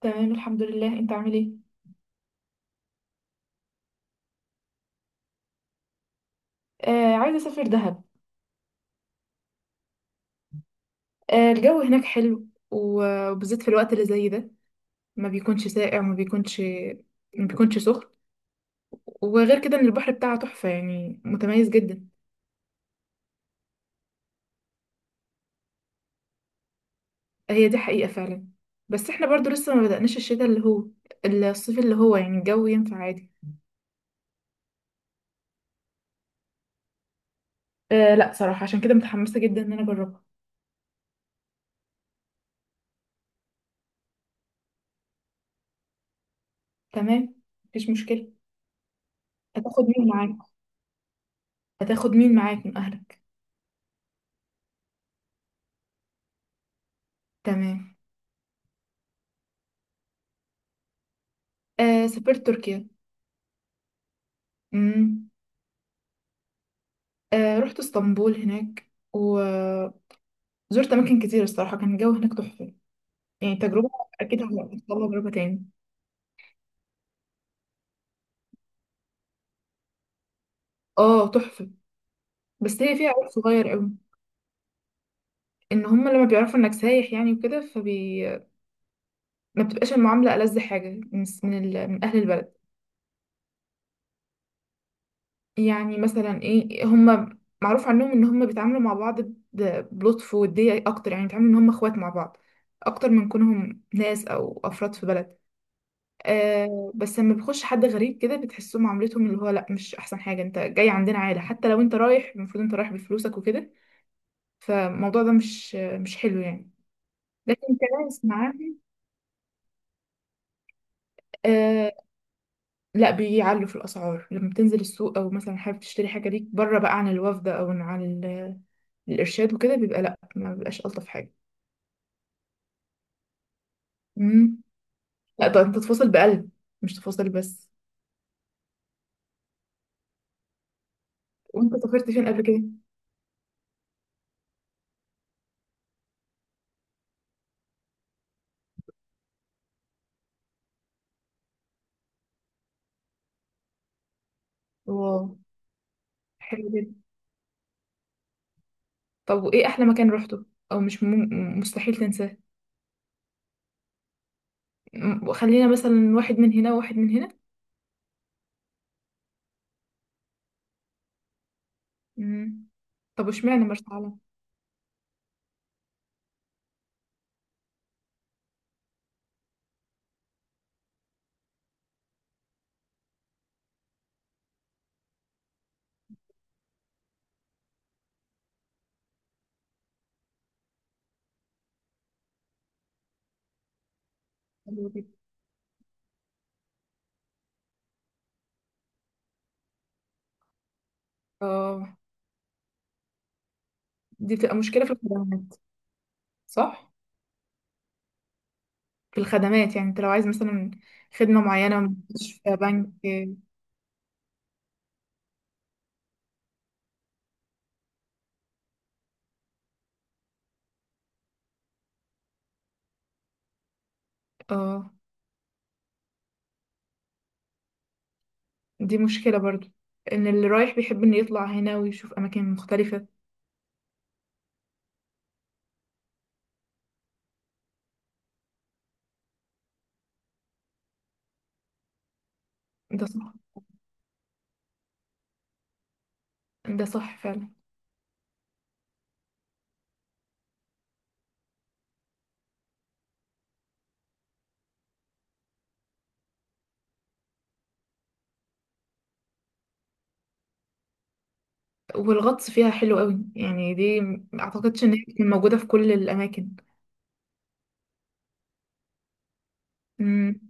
تمام الحمد لله. انت عامل ايه؟ آه، عايزه اسافر دهب. آه، الجو هناك حلو وبالذات في الوقت اللي زي ده، ما بيكونش ساقع وما بيكونش ما بيكونش سخن. وغير كده ان البحر بتاعها تحفه يعني، متميز جدا. هي دي حقيقه فعلا، بس احنا برضو لسه ما بدأناش الشتاء اللي هو الصيف اللي هو، يعني الجو ينفع عادي. آه لا، صراحه عشان كده متحمسه جدا ان انا اجربها. تمام، مفيش مشكله. هتاخد مين معاك؟ هتاخد مين معاك من اهلك؟ تمام. آه سافرت تركيا. مم. رحت اسطنبول هناك، وزرت اماكن كتير. الصراحه كان الجو هناك تحفه. يعني تجربه، اكيد هتطلع تجربه تاني. اه تحفه، بس هي فيها عيب صغير قوي. ان هم لما بيعرفوا انك سايح يعني وكده، فبي ما بتبقاش المعامله ألذ حاجه من اهل البلد. يعني مثلا ايه، هم معروف عنهم ان هم بيتعاملوا مع بعض بلطف ووديه اكتر، يعني بيتعاملوا ان هم اخوات مع بعض، اكتر من كونهم ناس او افراد في بلد. آه بس لما بيخش حد غريب كده، بتحسه معاملتهم اللي هو لا، مش احسن حاجه انت جاي عندنا عائله، حتى لو انت رايح المفروض انت رايح بفلوسك وكده. فالموضوع ده مش مش حلو يعني. لكن كناس معاهم. آه لا، بيعلوا في الاسعار لما بتنزل السوق، او مثلا حابب تشتري حاجه ليك بره بقى عن الوفد، او عن الارشاد وكده، بيبقى لا، ما بيبقاش الطف حاجه. امم، لا ده انت تفاصل بقلب، مش تفاصل بس. وانت سافرت فين قبل كده؟ واو، حلو جدا. طب وايه احلى مكان روحته، او مش مستحيل تنساه؟ وخلينا مثلا واحد من هنا وواحد من هنا. مم. طب واشمعنى مرسى علم؟ حلوة جدا. اه، دي بتبقى مشكلة في الخدمات. صح، في الخدمات. يعني انت لو عايز مثلا خدمة معينة، مستشفى، بنك. اه، دي مشكلة برضو، ان اللي رايح بيحب انه يطلع هنا ويشوف اماكن مختلفة. ده صح، ده صح فعلا. والغطس فيها حلو قوي يعني، دي اعتقدش ان هي بتكون موجودة في كل الاماكن. مم.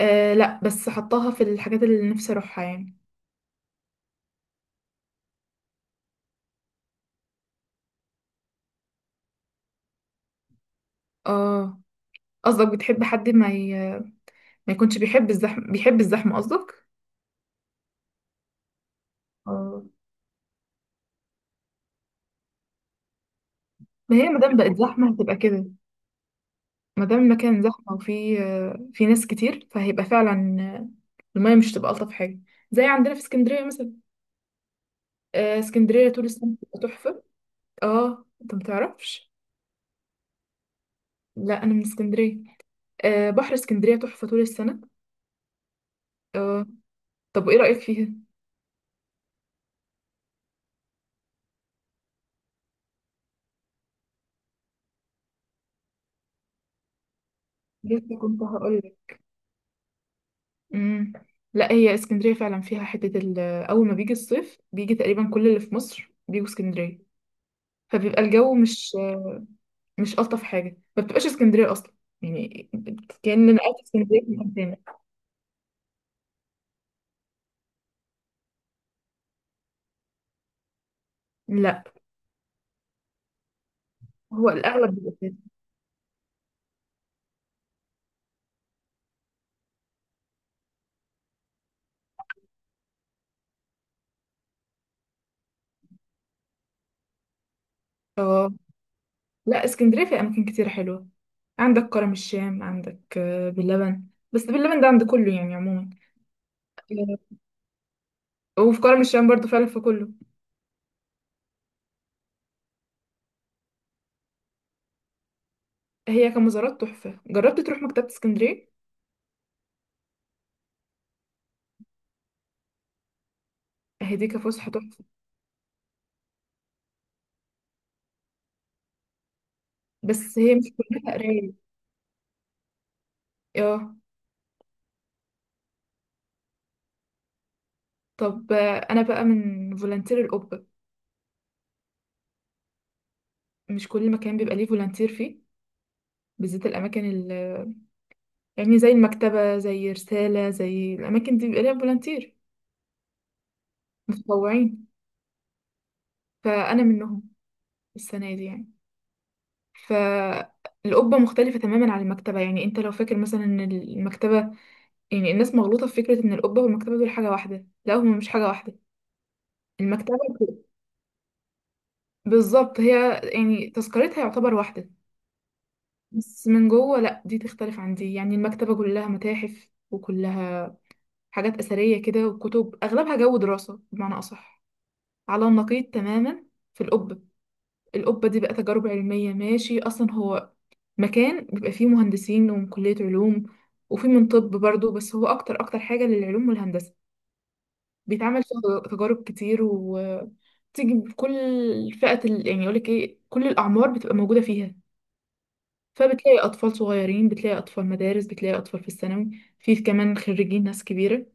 آه لا، بس حطاها في الحاجات اللي نفسي اروحها يعني. اه، قصدك بتحب حد ما يكونش بيحب الزحمة، بيحب الزحمة قصدك؟ اه، ما هي مادام بقت زحمة هتبقى كده. مادام المكان زحمة وفي في ناس كتير، فهيبقى فعلا المية مش هتبقى ألطف حاجة. زي عندنا في اسكندرية مثلا. آه، اسكندرية طول السنة بتبقى تحفة. اه انت متعرفش؟ لا أنا من اسكندرية. آه، بحر اسكندرية تحفة طول السنة. آه. طب وايه رأيك فيها؟ لسه كنت هقولك. امم، لا هي اسكندريه فعلا فيها حته اول ما بيجي الصيف بيجي تقريبا كل اللي في مصر بيجوا اسكندريه. فبيبقى الجو مش مش الطف حاجه، ما بتبقاش اسكندريه اصلا يعني. كأن انا قاعده في اسكندريه في مكان تاني. لا هو الاغلب بيبقى كده. اه، لا اسكندريه في اماكن كتير حلوه. عندك كرم الشام، عندك باللبن. بس باللبن ده عند كله يعني عموما. وفي كرم الشام برضو فعلا في كله. هي كمزارات تحفه. جربت تروح مكتبه اسكندريه؟ هي دي كفسحه تحفه. بس هي مش كلها قراية. اه. طب انا بقى من فولنتير القبة. مش كل مكان بيبقى ليه فولنتير فيه، بالذات الاماكن ال، يعني زي المكتبة زي رسالة زي الاماكن دي، بيبقى ليها فولنتير، متطوعين. فانا منهم السنة دي يعني. فالقبة مختلفة تماما عن المكتبة. يعني انت لو فاكر مثلا ان المكتبة، يعني الناس مغلوطة في فكرة ان القبة والمكتبة دول حاجة واحدة. لا هما مش حاجة واحدة. المكتبة، بالظبط هي يعني تذكرتها يعتبر واحدة، بس من جوه لا، دي تختلف عن دي. يعني المكتبة كلها متاحف، وكلها حاجات أثرية كده، وكتب أغلبها جو دراسة بمعنى أصح. على النقيض تماما في القبة. القبة دي بقى تجارب علمية ماشي. أصلا هو مكان بيبقى فيه مهندسين ومن كلية علوم، وفي من طب برضه، بس هو أكتر أكتر حاجة للعلوم والهندسة. بيتعمل فيها تجارب كتير، و تيجي بكل فئة يعني يقولك ايه، كل الأعمار بتبقى موجودة فيها. فبتلاقي أطفال صغيرين، بتلاقي أطفال مدارس، بتلاقي أطفال في الثانوي، في كمان خريجين، ناس كبيرة.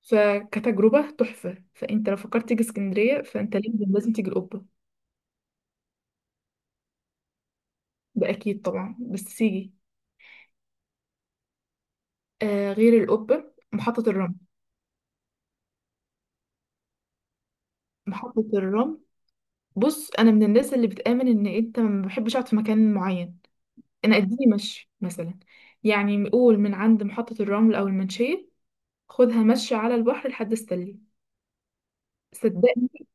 فكتجربة تحفة. فأنت لو فكرت تيجي اسكندرية، فأنت لازم لازم تيجي القبة. ده أكيد طبعا، بس تيجي. آه غير القبة، محطة الرمل. محطة الرمل. بص أنا من الناس اللي بتآمن إن أنت، ما بحبش أقعد في مكان معين. أنا أديني مشي مثلا، يعني قول من عند محطة الرمل أو المنشية، خدها مشي على البحر لحد استلي. صدقني.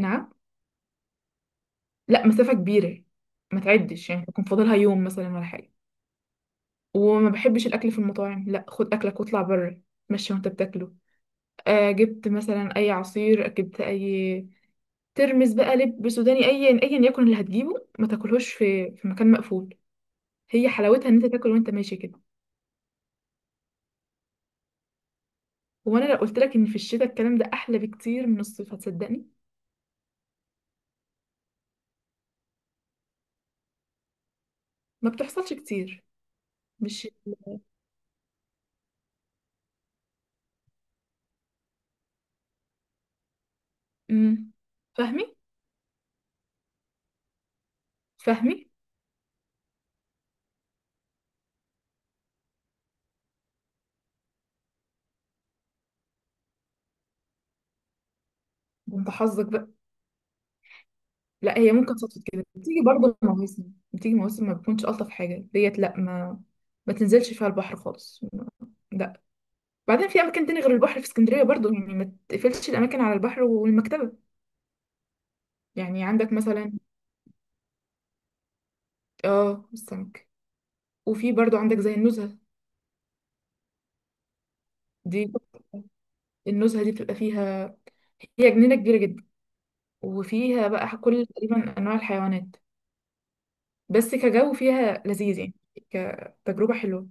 نعم؟ لا مسافة كبيرة، ما تعدش يعني يكون فاضلها يوم مثلا ولا حاجة. وما بحبش الأكل في المطاعم، لا خد أكلك واطلع بره، مشي وانت بتاكله. آه جبت مثلا أي عصير، جبت أي ترمس بقى، لب سوداني، أيا أيا يكن اللي هتجيبه، ما تاكلهوش في مكان مقفول. هي حلاوتها إن أنت تاكل وانت ماشي كده. هو أنا لو قلت لك إن في الشتاء الكلام ده أحلى بكتير من الصيف، هتصدقني؟ ما بتحصلش كتير. مش، امم، فاهمي؟ فاهمي؟ ده انت حظك بقى. لا هي ممكن صدفة كده، بتيجي برضه مواسم، بتيجي مواسم ما بتكونش ألطف حاجة، ديت لا، ما ما تنزلش فيها البحر خالص. لا، بعدين في أماكن تاني غير البحر في اسكندرية برضه، يعني ما تقفلش الأماكن على البحر والمكتبة. يعني عندك مثلا، اه السمك. وفي برضه عندك زي النزهة. دي النزهة دي بتبقى فيها، هي جنينة كبيرة جدا، وفيها بقى كل تقريبا أنواع الحيوانات. بس كجو فيها لذيذ يعني، كتجربة حلوة.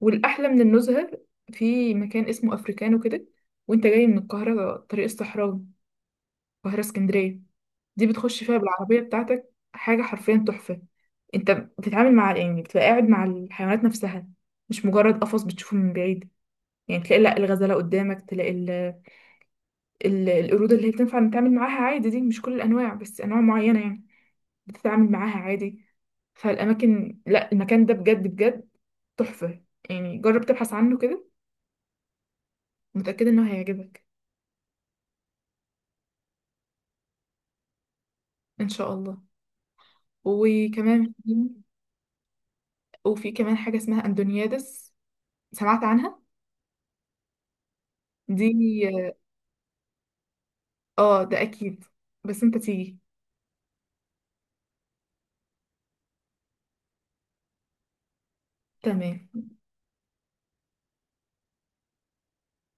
والأحلى من النزهة، في مكان اسمه أفريكانو كده. وانت جاي من القاهرة طريق الصحراوي، القاهرة اسكندرية. دي بتخش فيها بالعربية بتاعتك، حاجة حرفيا تحفة. انت بتتعامل مع، يعني بتبقى قاعد مع الحيوانات نفسها، مش مجرد قفص بتشوفه من بعيد. يعني تلاقي لا الغزالة قدامك، تلاقي القرود اللي هي بتنفع نتعامل معاها عادي. دي مش كل الأنواع بس أنواع معينة يعني، بتتعامل معاها عادي. فالأماكن لا، المكان ده بجد بجد تحفة. يعني جرب تبحث عنه كده. متأكدة انه هيعجبك. ان شاء الله. وكمان في، وفي كمان حاجة اسمها اندونيادس. سمعت عنها؟ دي اه، ده اكيد. بس انت تيجي. تمام